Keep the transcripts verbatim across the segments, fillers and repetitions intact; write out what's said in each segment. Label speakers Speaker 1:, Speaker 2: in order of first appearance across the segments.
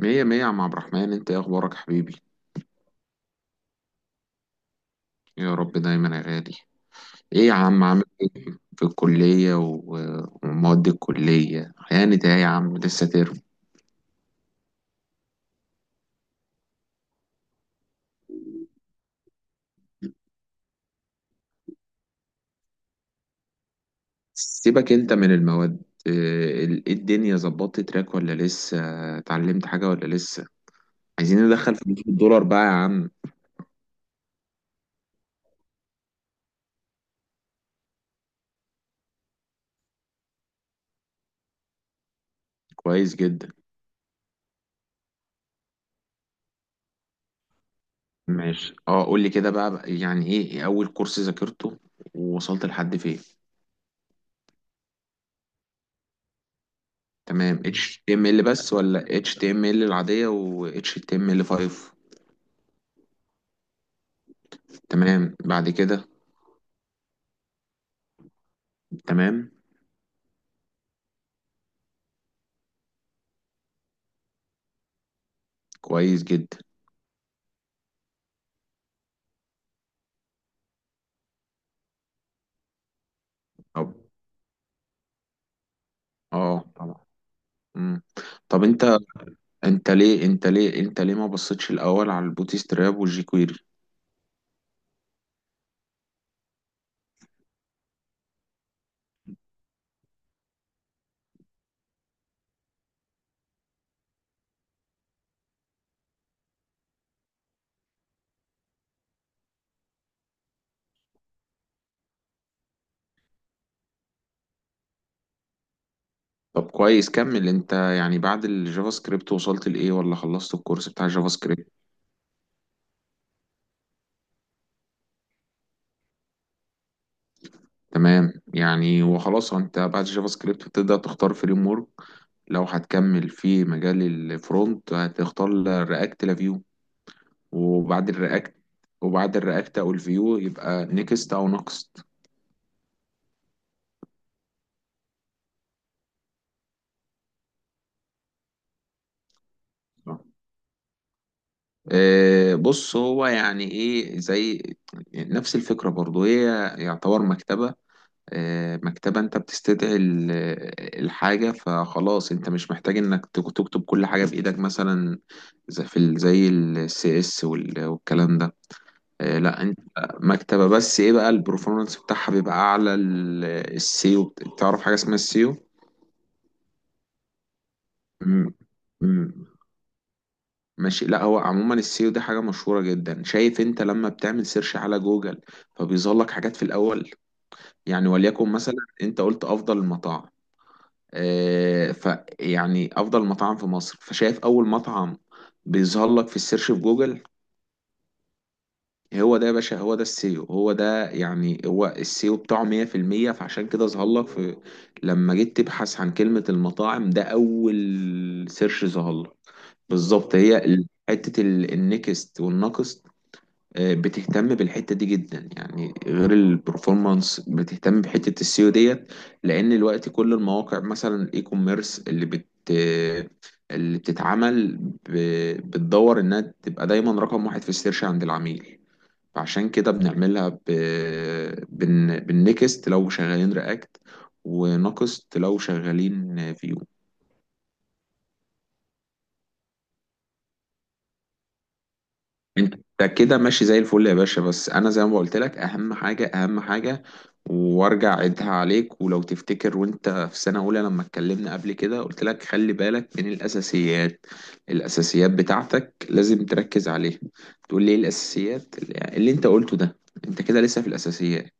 Speaker 1: مية مية يا عم عبد الرحمن، انت ايه اخبارك حبيبي؟ يا رب دايما يا غالي. ايه يا عم عامل ايه؟ في الكلية و- ومواد الكلية هانت ايه يا عم؟ لسه ترم. سيبك انت من المواد. اه، ال- ايه الدنيا ظبطت تراك ولا لسه؟ اتعلمت حاجة ولا لسه؟ عايزين ندخل فلوس الدولار بقى يا عم. كويس جدا. ماشي، اه، قول لي كده بقى بقى يعني ايه ايه اول كورس ذاكرته ووصلت لحد فين؟ تمام. اتش تي ام ال بس ولا اتش تي ام ال العادية و اتش تي ام ال خمسة؟ تمام بعد كده. تمام. كويس جدا. طب، اه طبعا. مم. طب انت، انت ليه انت ليه انت ليه ما بصيتش الاول على البوتي ستراب والجي كويري؟ طب كويس، كمل انت. يعني بعد الجافا سكريبت وصلت لايه ولا خلصت الكورس بتاع الجافا سكريبت؟ تمام. يعني وخلاص انت بعد الجافا سكريبت بتبدأ تختار فريم ورك. لو هتكمل في مجال الفرونت هتختار رياكت لافيو. وبعد الرياكت، وبعد الرياكت او الفيو يبقى نيكست او نكست. آه، بص، هو يعني ايه، زي نفس الفكرة برضو هي. يعتبر مكتبة. آه، مكتبة، انت بتستدعي ال- الحاجة، فخلاص انت مش محتاج انك تك- تكتب كل حاجة بإيدك مثلا. زي في ال- زي السي اس والكلام ده. آه، لا انت. مكتبة، بس ايه بقى البرفورمانس بتاعها بيبقى اعلى. السيو، تعرف حاجة اسمها السيو؟ ماشي. لا هو عموما السيو ده حاجة مشهورة جدا. شايف انت لما بتعمل سيرش على جوجل، فبيظهر لك حاجات في الأول. يعني وليكن مثلا انت قلت أفضل المطاعم، اه، ف يعني أفضل مطاعم في مصر، فشايف أول مطعم بيظهر لك في السيرش في جوجل. هو ده يا باشا، هو ده السيو، هو ده. يعني هو السيو بتاعه مية في المية، فعشان كده ظهر لك في، لما جيت تبحث عن كلمة المطاعم، ده أول سيرش ظهر لك. بالظبط. هي ال- حتة ال- النكست والناقص. آه، بتهتم بالحته دي جدا، يعني غير البرفورمانس بتهتم بحته السيو ديت. لان دلوقتي كل المواقع مثلا الاي كوميرس اللي بت، آه، اللي بتتعمل ب... بتدور انها تبقى دايما رقم واحد في السيرش عند العميل. فعشان كده بنعملها ب... بن... بالنكست لو شغالين رياكت، ونقصت لو شغالين فيو. انت كده ماشي زي الفل يا باشا. بس انا زي ما قلت لك، اهم حاجه اهم حاجه، وارجع عيدها عليك، ولو تفتكر وانت في سنه اولى لما اتكلمنا قبل كده قلت لك خلي بالك من الاساسيات. الاساسيات بتاعتك لازم تركز عليها. تقول لي ايه الاساسيات اللي انت قلته ده؟ انت كده لسه في الاساسيات.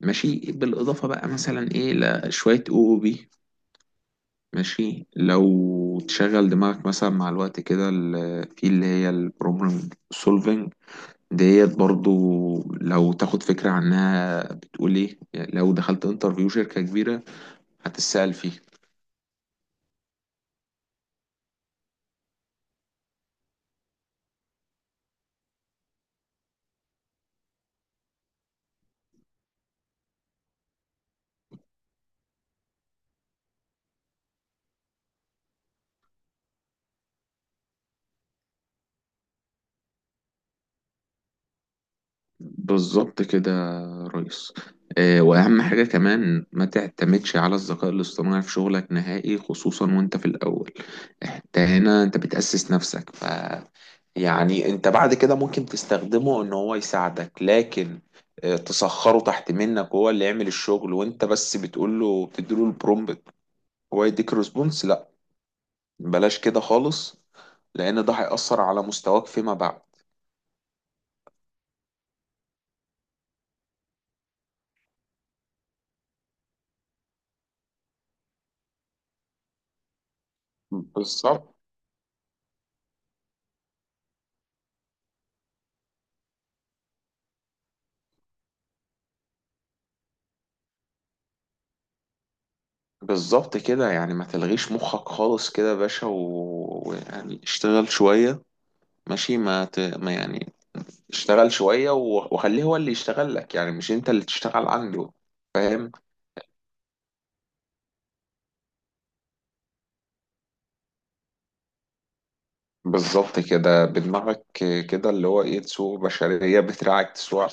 Speaker 1: ماشي. بالاضافه بقى مثلا ايه لشويه او او بي. ماشي. لو تشغل دماغك مثلا مع الوقت، كده ال- في اللي هي البروبلم سولفنج ديت برضو. لو تاخد فكرة عنها، بتقول ايه يعني لو دخلت انترفيو شركة كبيرة هتتسأل فيه. بالظبط كده يا ريس. آه، وأهم حاجة كمان، ما تعتمدش على الذكاء الاصطناعي في شغلك نهائي، خصوصا وانت في الأول. انت هنا انت بتأسس نفسك، ف يعني انت بعد كده ممكن تستخدمه ان هو يساعدك، لكن آه، تسخره تحت منك، هو اللي يعمل الشغل وانت بس بتقول له، بتديله البرومبت، هو يديك ريسبونس. بلاش كده خالص، لان ده هيأثر على مستواك فيما بعد. بالظبط، بالظبط كده. يعني ما تلغيش مخك خالص كده يا باشا، و- ويعني اشتغل شوية. ماشي. ما, ت... ما يعني اشتغل شوية و... وخليه هو اللي يشتغل لك، يعني مش انت اللي تشتغل عنده. فاهم؟ بالظبط كده، بدماغك. كده اللي هو ايه، تسوق بشرية بتراعك تسوق،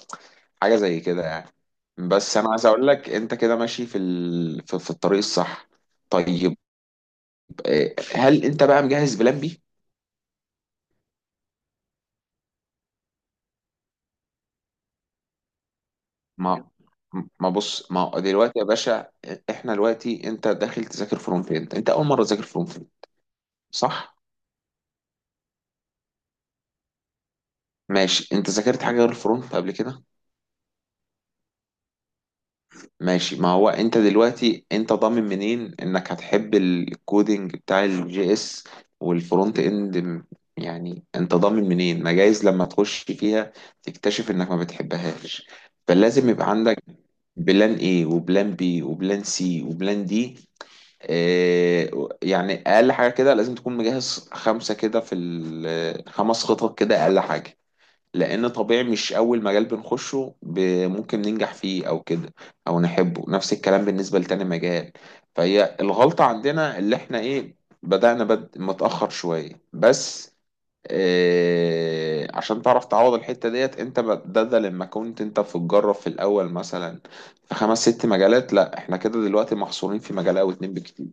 Speaker 1: حاجة زي كده يعني. بس انا عايز اقول لك انت كده ماشي في ال... في... في الطريق الصح. طيب، إيه، هل انت بقى مجهز بلان بي؟ ما ما بص، ما هو دلوقتي يا باشا، احنا دلوقتي انت داخل تذاكر فرونت اند، انت اول مره تذاكر فرونت اند، صح؟ ماشي. انت ذاكرت حاجه غير الفرونت قبل كده؟ ماشي. ما هو انت دلوقتي انت ضامن منين انك هتحب ال- الكودينج بتاع الجي اس والفرونت اند م-، يعني انت ضامن منين؟ ما جايز لما تخش فيها تكتشف انك ما بتحبهاش. فلازم يبقى عندك بلان ايه، وبلان بي، وبلان سي، وبلان دي. إيه، يعني اقل حاجه كده لازم تكون مجهز خمسه كده في ال- خمس خطط كده اقل حاجه. لان طبيعي مش اول مجال بنخشه ب- ممكن ننجح فيه او كده، او نحبه، نفس الكلام بالنسبه لتاني مجال. فهي الغلطه عندنا اللي احنا ايه، بدأنا بد... متأخر شويه بس. إيه، عشان تعرف تعوض الحته ديت، انت بدل لما كنت انت بتجرب في الاول مثلا في خمس ست مجالات، لا احنا كده دلوقتي محصورين في مجال او اتنين بكتير.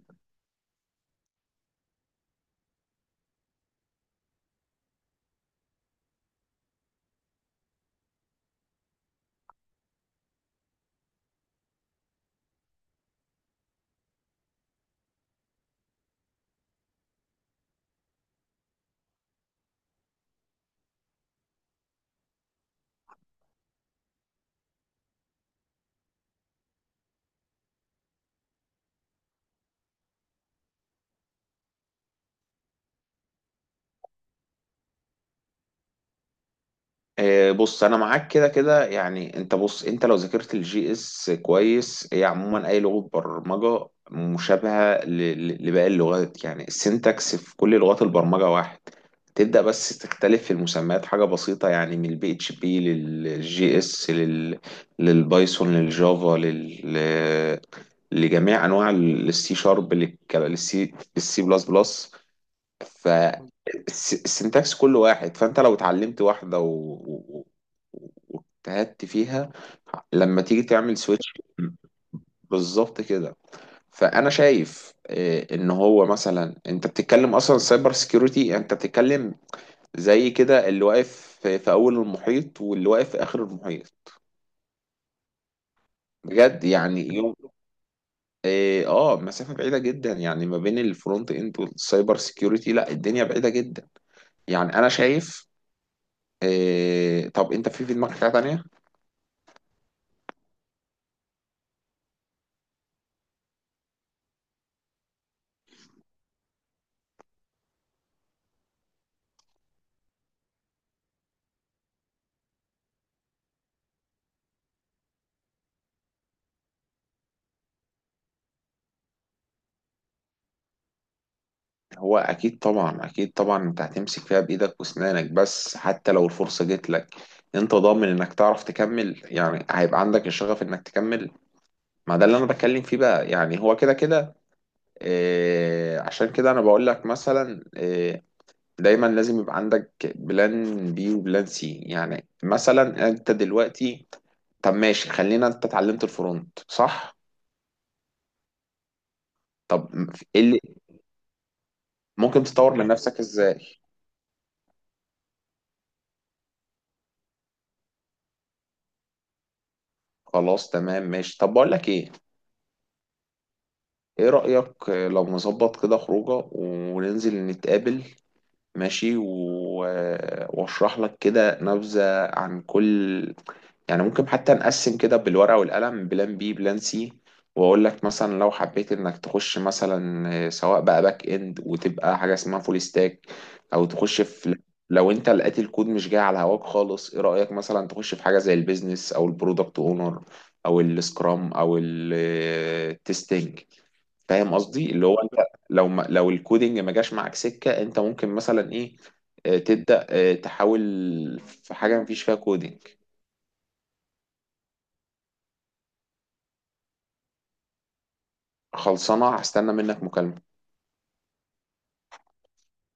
Speaker 1: آه، بص انا معاك كده كده. يعني انت بص، انت لو ذاكرت الجي اس كويس، هي عموما اي لغه برمجه مشابهه ل- ل- لباقي اللغات. يعني السنتكس في كل لغات البرمجه واحد، تبدا بس تختلف في المسميات، حاجه بسيطه. يعني من البي اتش بي للجي اس، لل للبايثون، للجافا، لل لجميع انواع السي شارب، للسي، للسي بلس بلس. فالسنتاكس كل واحد. فانت لو اتعلمت واحده و... و... و- واجتهدت فيها، لما تيجي تعمل سويتش. بالظبط كده. فانا شايف آه، ان هو مثلا انت بتتكلم اصلا سايبر سكيورتي، انت بتتكلم زي كده اللي واقف في في اول المحيط واللي واقف في اخر المحيط. بجد. يعني يوم، اه، آه، مسافه بعيده جدا يعني ما بين الفرونت اند والسايبر سكيورتي. لا، الدنيا بعيده جدا يعني انا شايف. إيه، طب انت في في دماغك حاجة تانية؟ هو اكيد طبعا، اكيد طبعا، انت هتمسك فيها بايدك واسنانك. بس حتى لو الفرصة جت لك، انت ضامن انك تعرف تكمل؟ يعني هيبقى عندك الشغف انك تكمل؟ ما ده اللي انا بتكلم فيه بقى. يعني هو كده كده. إيه، عشان كده انا بقول لك مثلا، إيه، دايما لازم يبقى عندك بلان بي وبلان سي. يعني مثلا انت دلوقتي، طب ماشي، خلينا، انت اتعلمت الفرونت صح؟ طب ايه اللي ممكن تطور من نفسك ازاي؟ خلاص تمام ماشي. طب بقول لك ايه، ايه رأيك لو نظبط كده خروجه وننزل نتقابل ماشي، و... واشرح لك كده نبذة عن كل، يعني ممكن حتى نقسم كده بالورقة والقلم بلان بي بلان سي، واقول لك مثلا لو حبيت انك تخش مثلا، آه، سواء بقى باك اند وتبقى حاجة اسمها فول ستاك، او تخش في، لو انت لقيت الكود مش جاي على هواك خالص، ايه رأيك مثلا تخش في حاجة زي البيزنس او البرودكت اونر او السكرام او التستنج. فاهم قصدي، اللي هو انت لو ما، لو الكودينج ما جاش معاك سكة، انت ممكن مثلا ايه، آه، تبدأ آه، تحاول في حاجة مفيش فيها كودينج. خلصانة، هستنى منك مكالمة.